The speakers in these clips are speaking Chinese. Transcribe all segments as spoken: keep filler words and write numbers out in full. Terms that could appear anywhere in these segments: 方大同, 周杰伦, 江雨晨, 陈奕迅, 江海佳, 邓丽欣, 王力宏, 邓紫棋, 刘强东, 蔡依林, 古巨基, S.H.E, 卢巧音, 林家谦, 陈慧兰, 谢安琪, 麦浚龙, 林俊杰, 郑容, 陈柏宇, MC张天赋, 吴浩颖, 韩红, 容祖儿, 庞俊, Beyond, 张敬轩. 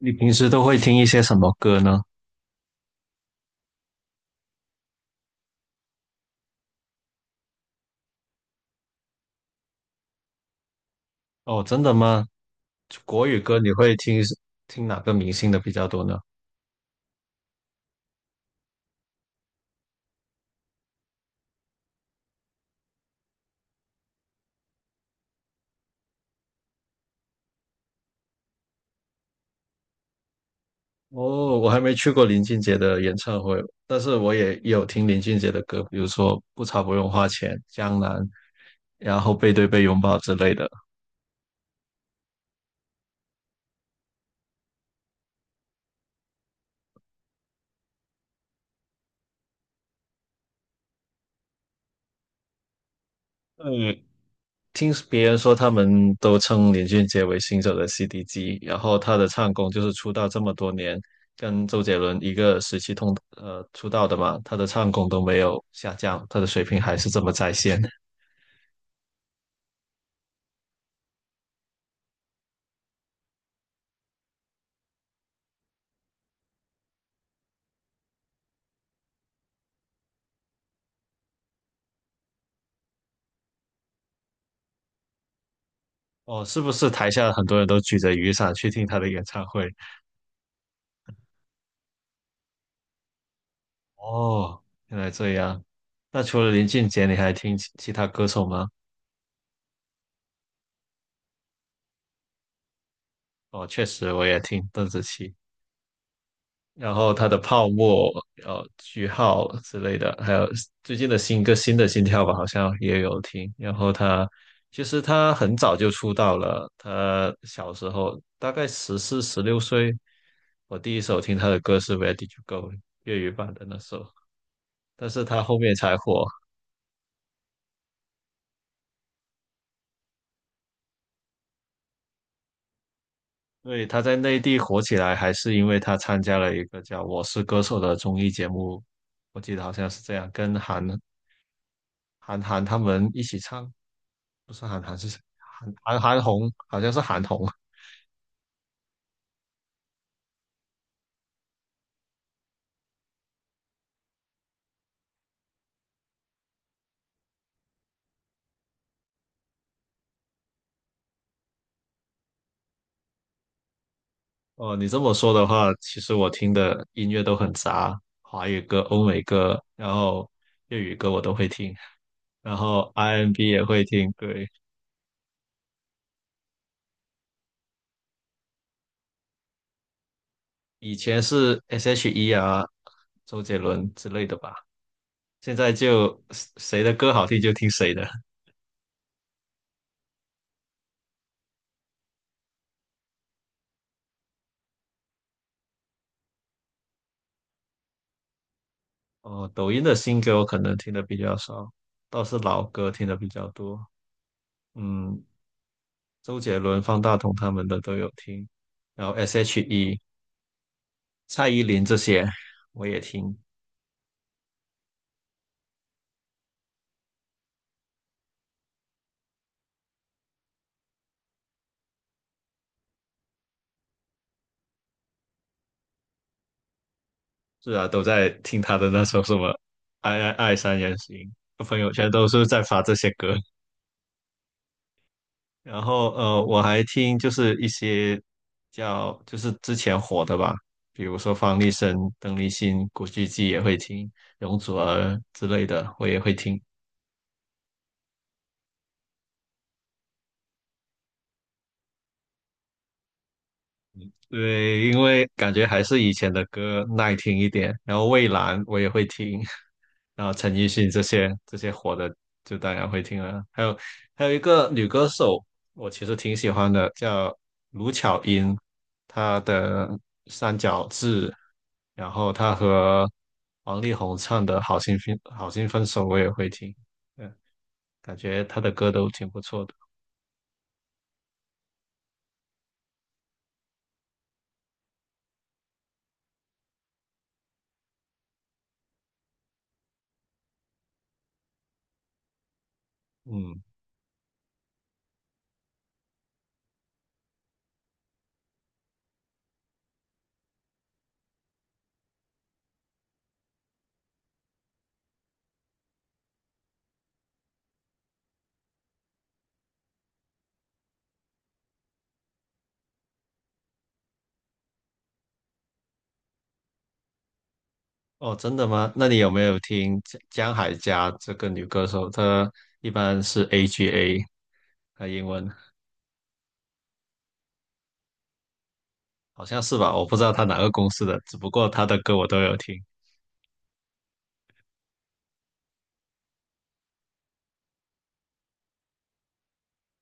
你平时都会听一些什么歌呢？哦，真的吗？国语歌你会听。听哪个明星的比较多呢？哦，我还没去过林俊杰的演唱会，但是我也有听林俊杰的歌，比如说《不潮不用花钱》《江南》，然后《背对背拥抱》之类的。嗯。听别人说，他们都称林俊杰为新手的 C D 机，然后他的唱功就是出道这么多年，跟周杰伦一个时期同呃出道的嘛，他的唱功都没有下降，他的水平还是这么在线。哦，是不是台下很多人都举着雨伞去听他的演唱会？哦，原来这样。那除了林俊杰，你还听其其他歌手吗？哦，确实我也听邓紫棋。然后他的泡沫、呃句号之类的，还有最近的新歌新的心跳吧，好像也有听。然后他其实他很早就出道了，他小时候大概十四十六岁，我第一首听他的歌是《Where Did You Go》粤语版的那首，但是他后面才火。对，他在内地火起来，还是因为他参加了一个叫《我是歌手》的综艺节目，我记得好像是这样，跟韩韩寒他们一起唱。不是韩寒是谁？韩韩韩红，好像是韩红。哦，你这么说的话，其实我听的音乐都很杂，华语歌、欧美歌，然后粤语歌我都会听，然后 R and B 也会听。对，以前是 S.H.E 啊、周杰伦之类的吧，现在就谁的歌好听就听谁的。哦，抖音的新歌我可能听的比较少，倒是老歌听的比较多。嗯，周杰伦、方大同他们的都有听，然后 S H E.E。蔡依林这些我也听，是啊，都在听她的那首什么《爱爱爱三人行》，朋友圈都是在发这些歌。然后呃，我还听就是一些叫就是之前火的吧，比如说方力申、邓丽欣、古巨基也会听，容祖儿之类的我也会听。对，因为感觉还是以前的歌耐听一点，然后蔚蓝我也会听，然后陈奕迅这些这些火的就当然会听了，还有还有一个女歌手，我其实挺喜欢的，叫卢巧音，她的《三角志》，然后她和王力宏唱的《好心分好心分手》我也会听，嗯，感觉她的歌都挺不错的，嗯。哦，真的吗？那你有没有听江江海佳这个女歌手？她一般是 A G A，她英文好像是吧？我不知道她哪个公司的，只不过她的歌我都有听。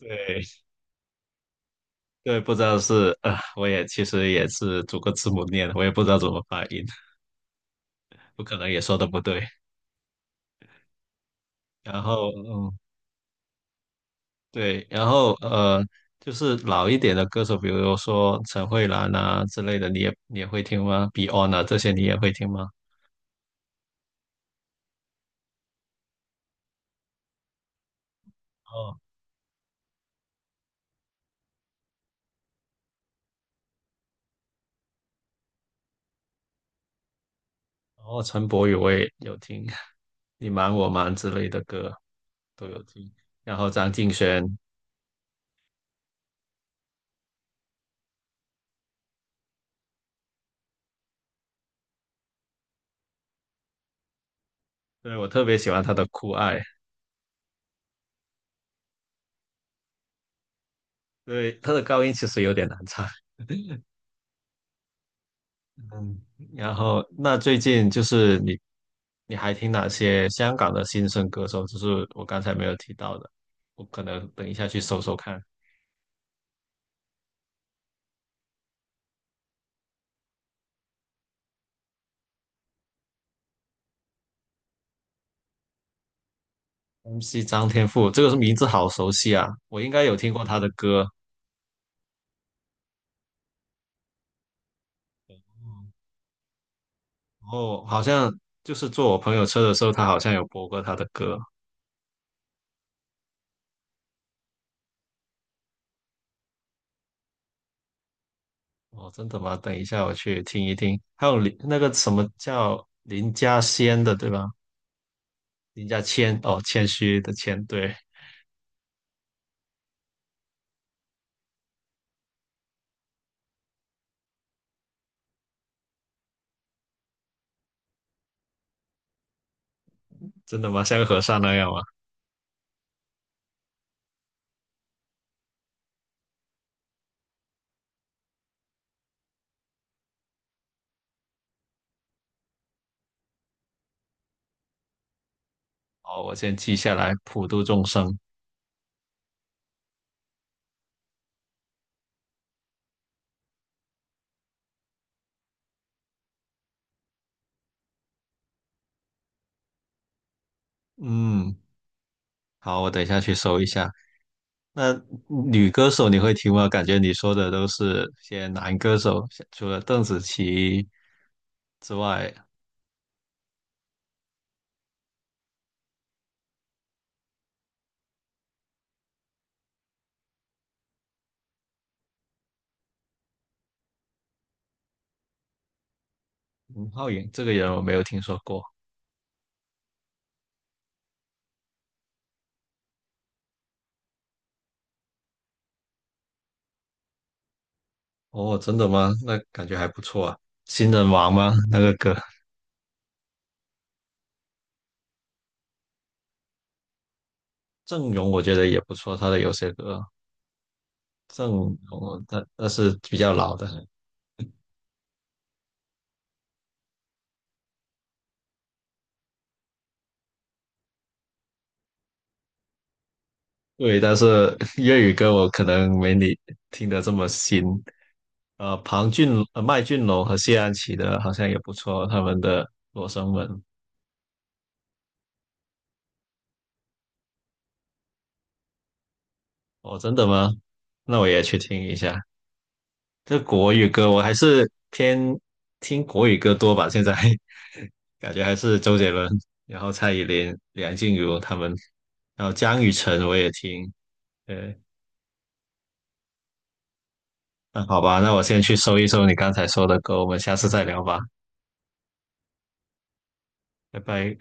对对，不知道是呃，我也其实也是逐个字母念的，我也不知道怎么发音，不可能也说的不对。然后嗯，对，然后呃，就是老一点的歌手，比如说陈慧兰啊之类的，你也你也会听吗？Beyond 啊这些你也会听吗？哦。然后陈柏宇我也有听，你瞒我瞒之类的歌都有听。然后张敬轩，对，我特别喜欢他的《酷爱》，对，他的高音其实有点难唱。嗯，然后那最近就是你，你还听哪些香港的新生歌手？就是我刚才没有提到的，我可能等一下去搜搜看。M C 张天赋，这个名字好熟悉啊，我应该有听过他的歌。然后好像就是坐我朋友车的时候，他好像有播过他的歌。哦，真的吗？等一下我去听一听。还有林那个什么叫林家仙的，对吧？林家谦，哦，谦虚的谦，对，真的吗？像个和尚那样吗？哦，我先记下来，普度众生。嗯，好，我等一下去搜一下。那女歌手你会听吗？感觉你说的都是些男歌手，除了邓紫棋之外，吴浩颖这个人我没有听说过。哦，真的吗？那感觉还不错啊。新人王吗？那个歌？郑容我觉得也不错，他的有些歌，郑容，但但是比较老的，对，但是 粤语歌我可能没你听得这么新。呃，庞俊、呃麦浚龙和谢安琪的好像也不错，他们的《罗生门》哦，真的吗？那我也去听一下。这国语歌我还是偏听国语歌多吧，现在 感觉还是周杰伦，然后蔡依林、梁静茹他们，然后江雨晨我也听，对。那好吧，那我先去搜一搜你刚才说的歌，我们下次再聊吧，拜拜。